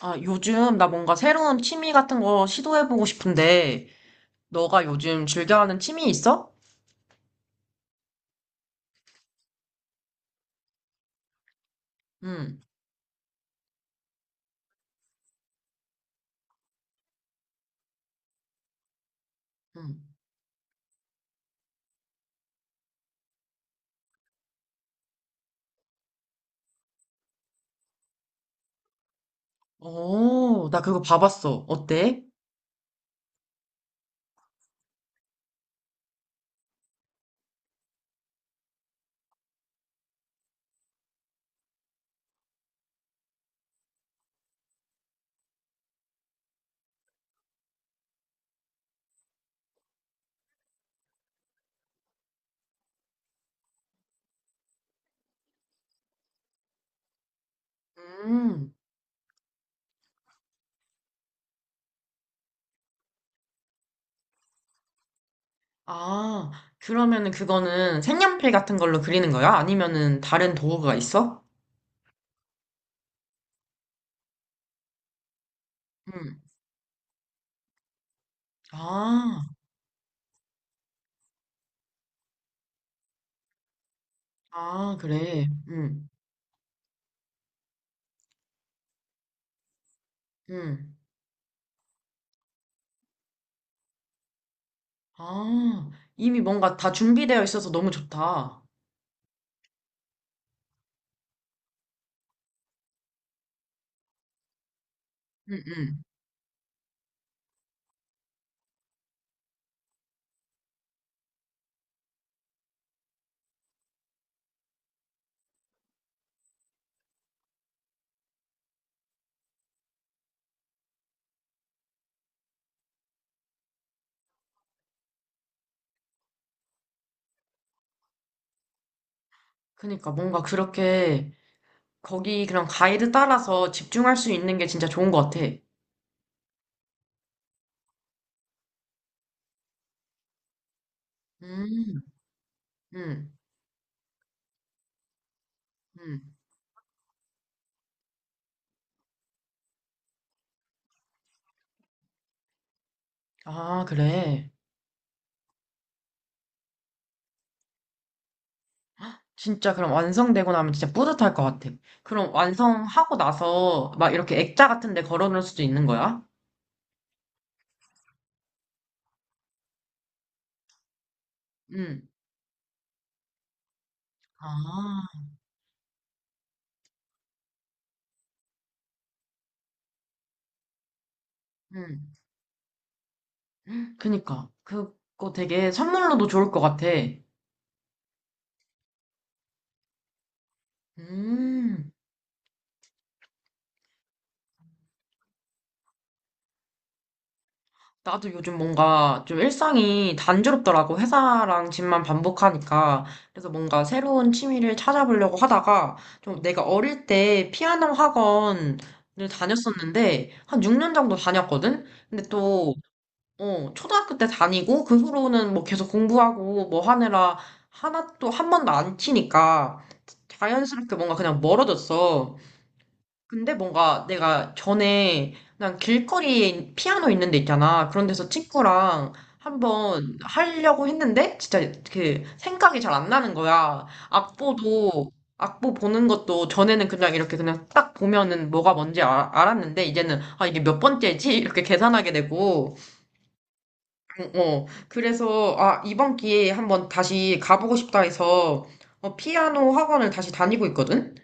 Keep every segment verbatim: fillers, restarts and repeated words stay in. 아, 요즘 나 뭔가 새로운 취미 같은 거 시도해보고 싶은데, 너가 요즘 즐겨하는 취미 있어? 응, 응. 오, 나 그거 봐봤어. 어때? 음, 아, 그러면은 그거는 색연필 같은 걸로 그리는 거야? 아니면은 다른 도구가 있어? 응. 아, 아, 그래. 응, 응. 아, 이미 뭔가 다 준비되어 있어서 너무 좋다. 응, 응. 그니까 뭔가 그렇게 거기 그런 가이드 따라서 집중할 수 있는 게 진짜 좋은 것 같아. 음, 음, 음. 아, 그래. 진짜 그럼 완성되고 나면 진짜 뿌듯할 것 같아. 그럼 완성하고 나서 막 이렇게 액자 같은 데 걸어놓을 수도 있는 거야? 음. 아, 음. 그니까. 그거 되게 선물로도 좋을 것 같아. 음. 나도 요즘 뭔가 좀 일상이 단조롭더라고. 회사랑 집만 반복하니까. 그래서 뭔가 새로운 취미를 찾아보려고 하다가 좀 내가 어릴 때 피아노 학원을 다녔었는데 한 육 년 정도 다녔거든? 근데 또, 어, 초등학교 때 다니고 그 후로는 뭐 계속 공부하고 뭐 하느라 하나 또 한 번도 안 치니까 자연스럽게 뭔가 그냥 멀어졌어. 근데 뭔가 내가 전에 난 길거리에 피아노 있는 데 있잖아. 그런 데서 친구랑 한번 하려고 했는데 진짜 그 생각이 잘 안 나는 거야. 악보도 악보 보는 것도 전에는 그냥 이렇게 그냥 딱 보면은 뭐가 뭔지 아- 알았는데 이제는 아 이게 몇 번째지? 이렇게 계산하게 되고 어, 어. 그래서 아 이번 기회에 한번 다시 가보고 싶다 해서 어, 피아노 학원을 다시 다니고 있거든.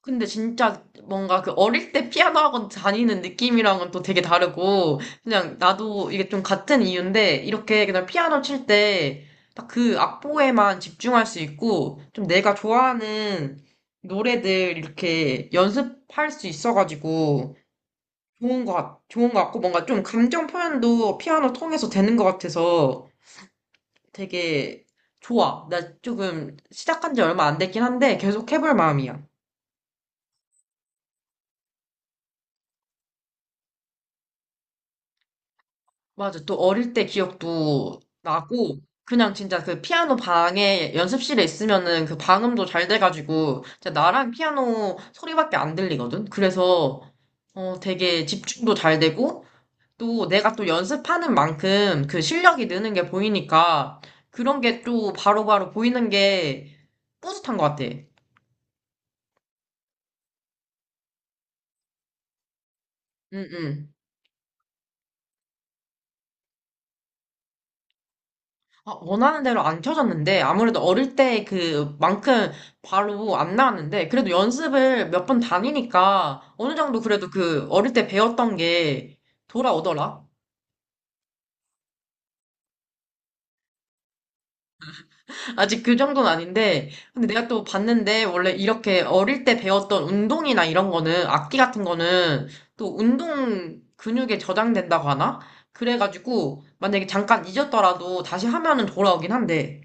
근데 진짜 뭔가 그 어릴 때 피아노 학원 다니는 느낌이랑은 또 되게 다르고, 그냥 나도 이게 좀 같은 이유인데, 이렇게 그냥 피아노 칠 때, 딱 그 악보에만 집중할 수 있고, 좀 내가 좋아하는 노래들 이렇게 연습할 수 있어가지고, 좋은 것, 같- 좋은 것 같고, 뭔가 좀 감정 표현도 피아노 통해서 되는 것 같아서 되게 좋아. 나 조금 시작한 지 얼마 안 됐긴 한데, 계속 해볼 마음이야. 맞아. 또 어릴 때 기억도 나고, 그냥 진짜 그 피아노 방에 연습실에 있으면은 그 방음도 잘 돼가지고, 진짜 나랑 피아노 소리밖에 안 들리거든? 그래서, 어, 되게 집중도 잘 되고, 또 내가 또 연습하는 만큼 그 실력이 느는 게 보이니까, 그런 게 또 바로바로 보이는 게 뿌듯한 것 같아. 응, 응. 아, 원하는 대로 안 켜졌는데, 아무래도 어릴 때 그만큼 바로 안 나왔는데, 그래도 연습을 몇 번 다니니까, 어느 정도 그래도 그 어릴 때 배웠던 게 돌아오더라? 아직 그 정도는 아닌데, 근데 내가 또 봤는데, 원래 이렇게 어릴 때 배웠던 운동이나 이런 거는, 악기 같은 거는, 또 운동 근육에 저장된다고 하나? 그래가지고, 만약에 잠깐 잊었더라도 다시 하면은 돌아오긴 한데,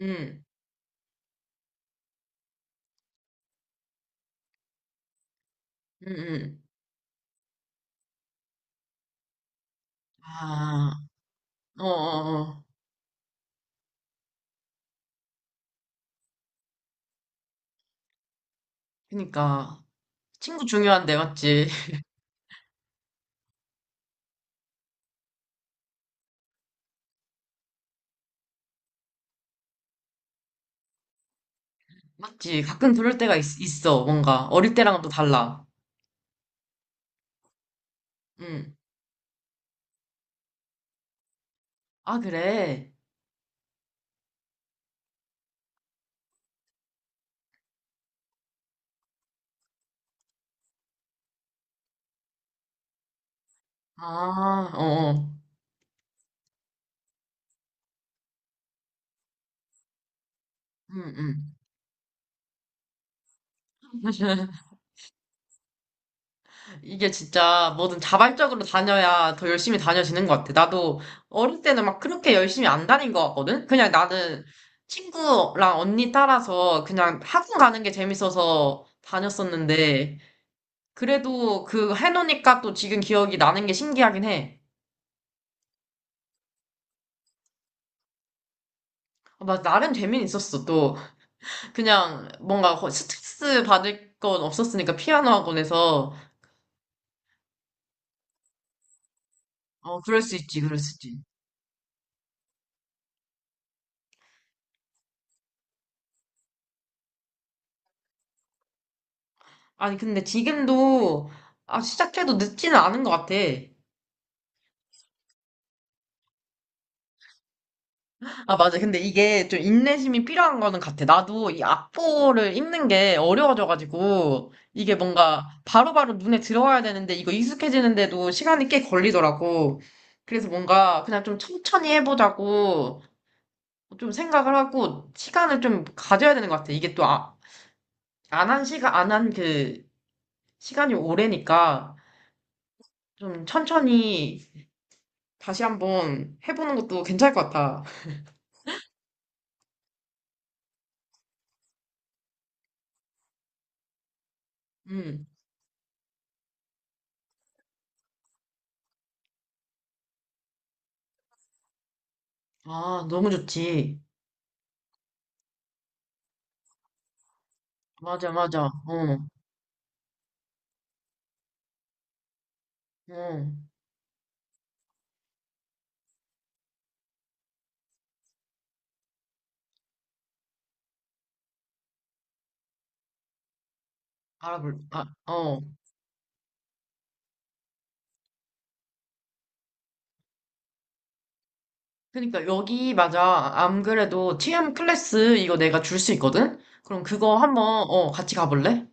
음, 음, 음. 아, 어어어. 그니까 친구 중요한데 맞지? 맞지? 가끔 그럴 때가 있, 있어 뭔가 어릴 때랑은 또 달라. 응. 아 그래? 아 어어. 응응. 이게 진짜 뭐든 자발적으로 다녀야 더 열심히 다녀지는 것 같아. 나도 어릴 때는 막 그렇게 열심히 안 다닌 것 같거든? 그냥 나는 친구랑 언니 따라서 그냥 학원 가는 게 재밌어서 다녔었는데, 그래도 그 해놓으니까 또 지금 기억이 나는 게 신기하긴 해. 막 나름 재미는 있었어, 또. 그냥 뭔가 거- 스트레스 받을 건 없었으니까, 피아노 학원에서. 어, 그럴 수 있지, 그럴 수 있지. 아니, 근데 지금도, 아, 시작해도 늦지는 않은 것 같아. 아, 맞아. 근데 이게 좀 인내심이 필요한 거는 같아. 나도 이 악보를 읽는 게 어려워져가지고, 이게 뭔가 바로바로 눈에 들어와야 되는데, 이거 익숙해지는데도 시간이 꽤 걸리더라고. 그래서 뭔가 그냥 좀 천천히 해보자고, 좀 생각을 하고 시간을 좀 가져야 되는 것 같아. 이게 또 아, 안한 시간, 안 한 그 시간이 오래니까 좀 천천히 다시 한번 해보는 것도 괜찮을 것 같아. 음. 아, 너무 좋지. 맞아, 맞아. 어, 어. 알아볼, 아, 어. 그러니까 여기, 맞아. 안 그래도 티엠 클래스 이거 내가 줄 수 있거든? 그럼 그거 한번, 어, 같이 가볼래?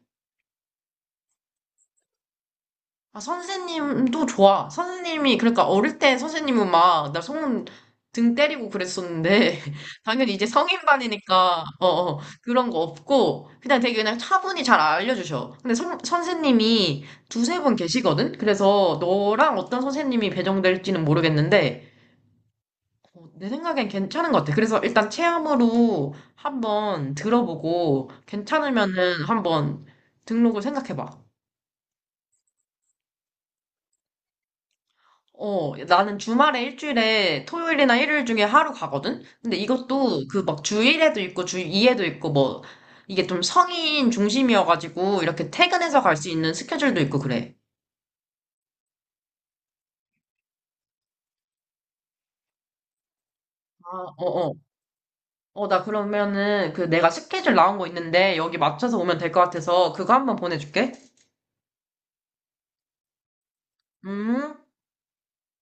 아, 선생님도 좋아. 선생님이, 그러니까 어릴 때 선생님은 막, 나 손 등 때리고 그랬었는데, 당연히 이제 성인반이니까, 어, 어, 그런 거 없고, 그냥 되게 그냥 차분히 잘 알려주셔. 근데 선, 선생님이 두세 분 계시거든? 그래서 너랑 어떤 선생님이 배정될지는 모르겠는데, 어, 내 생각엔 괜찮은 것 같아. 그래서 일단 체험으로 한번 들어보고, 괜찮으면은 한번 등록을 생각해봐. 어, 나는 주말에 일주일에 토요일이나 일요일 중에 하루 가거든? 근데 이것도 그 막 주일에도 있고 주이에도 있고 뭐 이게 좀 성인 중심이어가지고 이렇게 퇴근해서 갈 수 있는 스케줄도 있고 그래. 아, 어, 어. 어, 나 그러면은 그 내가 스케줄 나온 거 있는데 여기 맞춰서 오면 될 것 같아서 그거 한번 보내줄게. 음.